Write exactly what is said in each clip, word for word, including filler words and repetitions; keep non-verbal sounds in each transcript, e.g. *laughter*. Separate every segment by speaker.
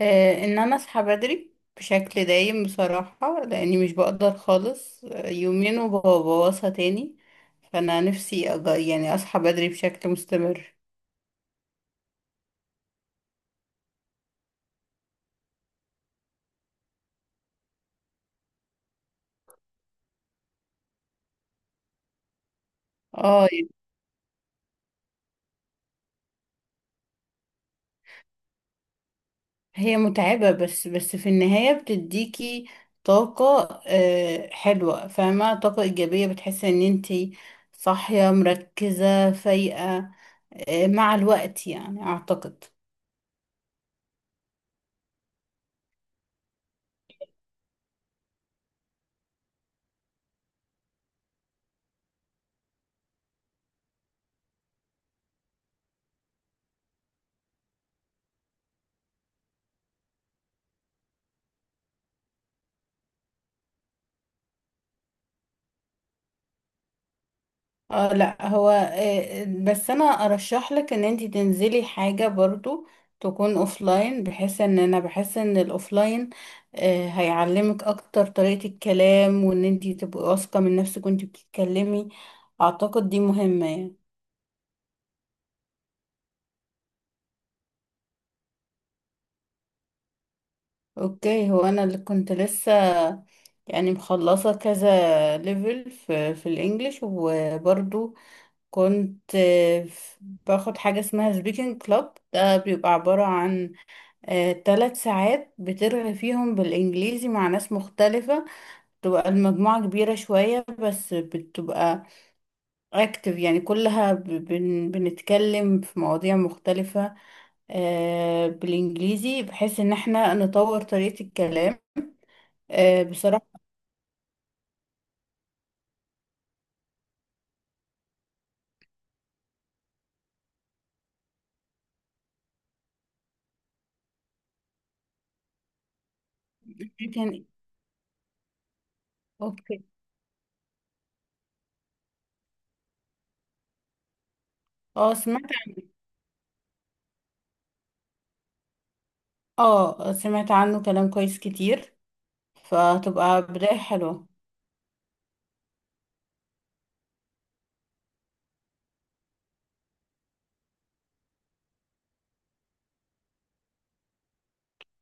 Speaker 1: آه، ان انا اصحى بدري بشكل دايم، بصراحة لاني مش بقدر خالص، آه، يومين وببوظها تاني. فانا نفسي أج... يعني اصحى بدري بشكل مستمر. اه يعني. هي متعبة، بس بس في النهاية بتديكي طاقة، آه، حلوة، فاهمة؟ طاقة ايجابية، بتحسي ان انتي صاحية مركزة فايقة، آه، مع الوقت يعني اعتقد. اه، لا هو، آه، بس انا ارشح لك ان انت تنزلي حاجة برضو تكون اوفلاين، بحيث ان انا بحس ان الاوفلاين آه، هيعلمك اكتر طريقة الكلام، وان انت تبقي واثقة من نفسك وانت بتتكلمي. اعتقد دي مهمة يعني. اوكي. هو انا اللي كنت لسه يعني مخلصة كذا ليفل في في الانجليش، وبرضو كنت آه، باخد حاجة اسمها سبيكنج كلاب. ده بيبقى عبارة عن ثلاث ساعات بترغي فيهم بالإنجليزي مع ناس مختلفة. تبقى المجموعة كبيرة شوية، بس بتبقى اكتف يعني، كلها ب- بن بنتكلم في مواضيع مختلفة آه، بالإنجليزي، بحيث إن احنا نطور طريقة الكلام آه، بصراحة. كان اوكي. اه سمعت. اه سمعت عنه كلام كويس كتير، فتبقى بداية حلوة.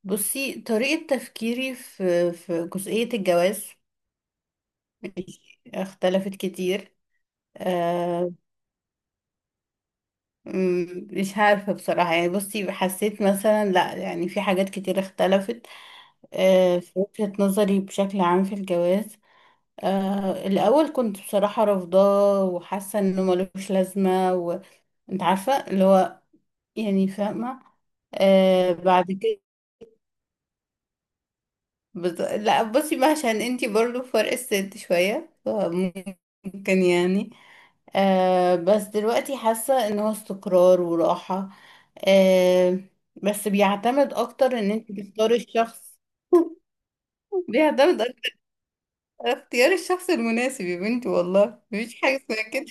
Speaker 1: بصي، طريقة تفكيري في في جزئية الجواز اختلفت كتير. أه. مم، مش عارفة بصراحة، يعني بصي حسيت مثلا، لا يعني في حاجات كتير اختلفت. أه، في وجهة نظري بشكل عام في الجواز. أه، الأول كنت بصراحة رافضاه وحاسة انه ملوش لازمة، وانت عارفة اللي هو، يعني فاهمة. أه، بعد كده بز... لا بصي بقى، عشان انتي برضو فرق السن شوية فممكن يعني. آه، بس دلوقتي حاسة ان هو استقرار وراحة. آه، بس بيعتمد اكتر ان انت تختاري الشخص. *laughs* بيعتمد اكتر على اختيار الشخص المناسب، يا بنتي، والله مفيش حاجة اسمها كده.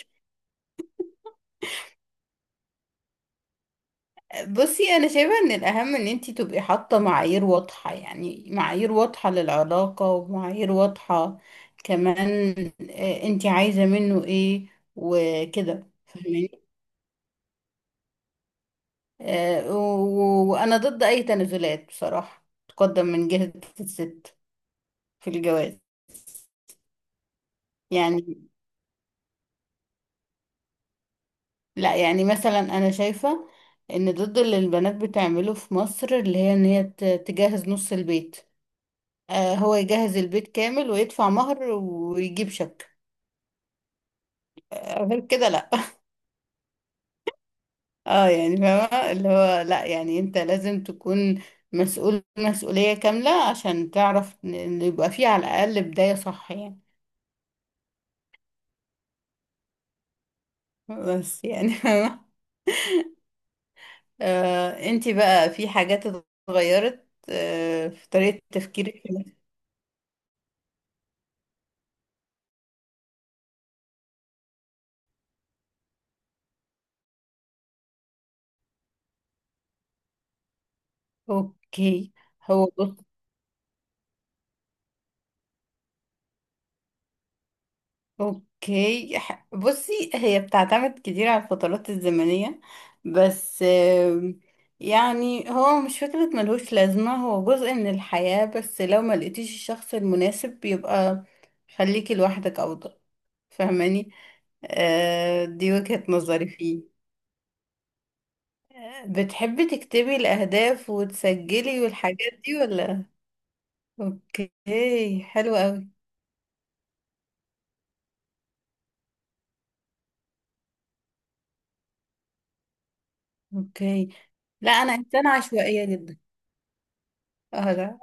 Speaker 1: بصي، انا شايفة ان الاهم ان انت تبقي حاطة معايير واضحة، يعني معايير واضحة للعلاقة، ومعايير واضحة كمان، آه، انت عايزة منه ايه وكده. فاهماني؟ آه، و- وأنا ضد أي تنازلات بصراحة تقدم من جهة الست في الجواز. يعني لا، يعني مثلا أنا شايفة إن ضد اللي البنات بتعمله في مصر، اللي هي إن هي ت- تجهز نص البيت، آه، هو يجهز البيت كامل ويدفع مهر ويجيب شبكة، آه، غير كده لا. اه يعني فاهمة اللي هو، لا يعني انت لازم تكون مسؤول مسؤولية كاملة عشان تعرف إن إن يبقى فيه على الأقل بداية صح يعني. بس يعني *laughs* آه، انتي بقى في حاجات اتغيرت آه، في طريقة تفكيرك في الناس؟ اوكي. هو بص. اوكي، ح- بصي، هي بتعتمد كتير على الفترات الزمنية، بس آم، يعني هو مش فكرة ملهوش لازمة، هو جزء من الحياة، بس لو ما لقيتيش الشخص المناسب يبقى خليكي لوحدك أفضل. فاهماني؟ آه، دي وجهة نظري فيه. بتحبي تكتبي الأهداف وتسجلي والحاجات دي ولا؟ أوكي، حلو أوي. أوكي، لا، أنا إنسانة عشوائية جدا. اه لا.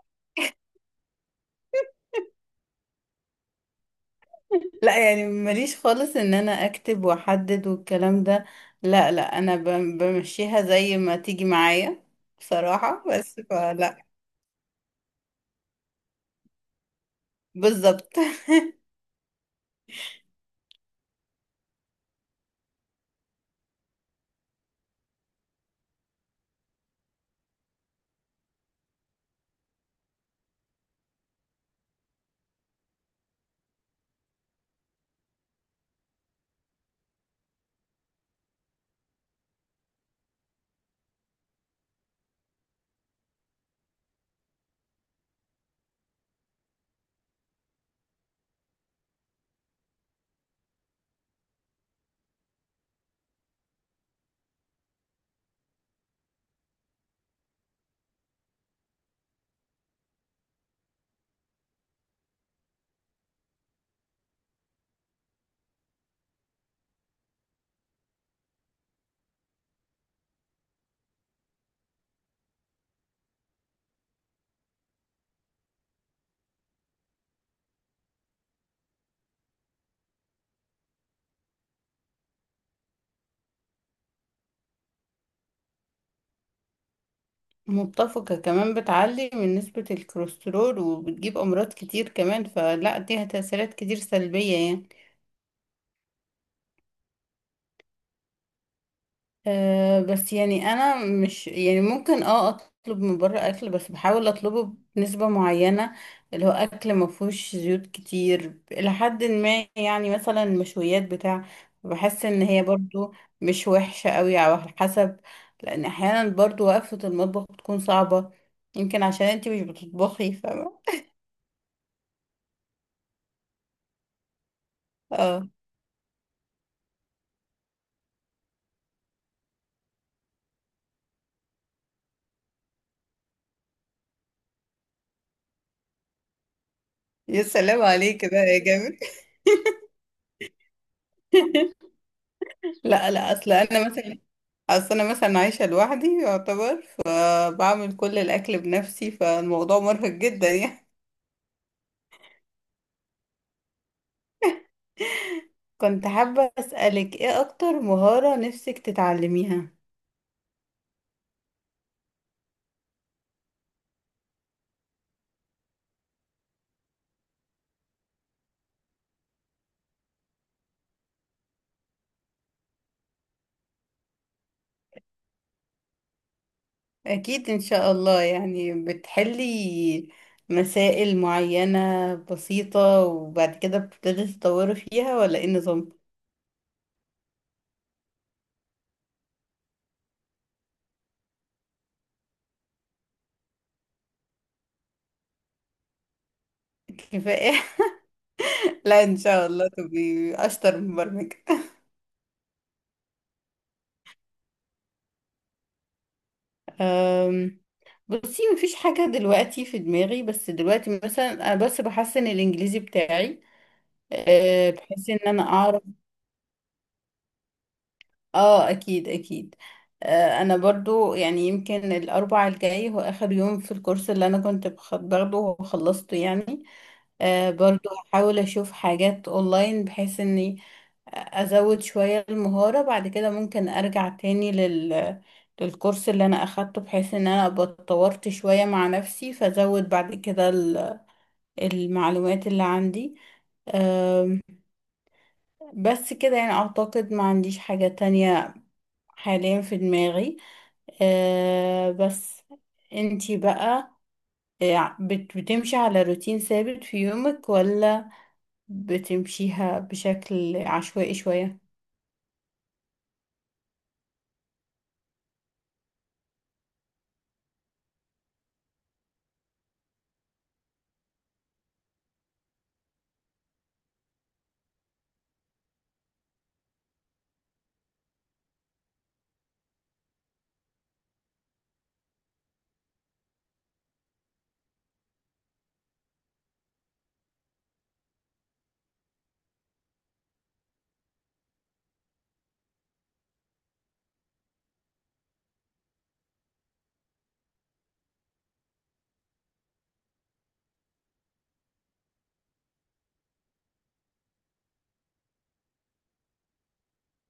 Speaker 1: *laughs* لا يعني ماليش خالص إن أنا أكتب وأحدد والكلام ده. لا لا، أنا بم- بمشيها زي ما تيجي معايا بصراحة، بس فلا. بالظبط. *laughs* متفقة. كمان بتعلي من نسبة الكوليسترول وبتجيب أمراض كتير كمان، فلا دي تأثيرات كتير سلبية يعني. أه بس يعني انا مش يعني ممكن اه اطلب من بره اكل، بس بحاول اطلبه بنسبة معينة اللي هو اكل ما فيهوش زيوت كتير الى حد ما، يعني مثلا مشويات بتاع. بحس ان هي برضو مش وحشة قوي، على حسب، لان احيانا برضو وقفة المطبخ بتكون صعبة. يمكن عشان انتي مش بتطبخي، فاهمة. اه يا سلام عليك كده يا جامد. *laughs* لا لا، اصل انا مثلا اصل انا مثلا عايشه لوحدي يعتبر، فبعمل كل الاكل بنفسي، فالموضوع مرهق جدا يعني. كنت حابه اسالك، ايه اكتر مهاره نفسك تتعلميها؟ اكيد ان شاء الله، يعني بتحلي مسائل معينه بسيطه وبعد كده بتبتدي تطوري فيها، ولا ايه النظام؟ *laughs* كفايه. *laughs* لا، ان شاء الله تبقي اشطر مبرمجه. أم، بصي مفيش حاجة دلوقتي في دماغي، بس دلوقتي مثلا أنا بس بحسن الإنجليزي بتاعي، أه، بحيث إن أنا أعرف. آه، أكيد أكيد. أه، أنا برضو يعني يمكن الأربع الجاي هو آخر يوم في الكورس اللي أنا كنت بخ- باخده وخلصته يعني. أه، برضو هحاول أشوف حاجات أونلاين بحيث إني ازود شوية المهارة، بعد كده ممكن ارجع تاني لل للكورس اللي انا اخدته، بحيث ان انا ابقى اتطورت شوية مع نفسي، فازود بعد كده ال- المعلومات اللي عندي. أه. بس كده يعني اعتقد ما عنديش حاجة تانية حاليا في دماغي. أه بس، انتي بقى، آه، بت- بتمشي على روتين ثابت في يومك، ولا بتمشيها بشكل عشوائي شوية؟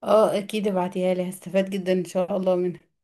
Speaker 1: اه اكيد ابعتيها لي، هستفاد جدا ان شاء الله منها.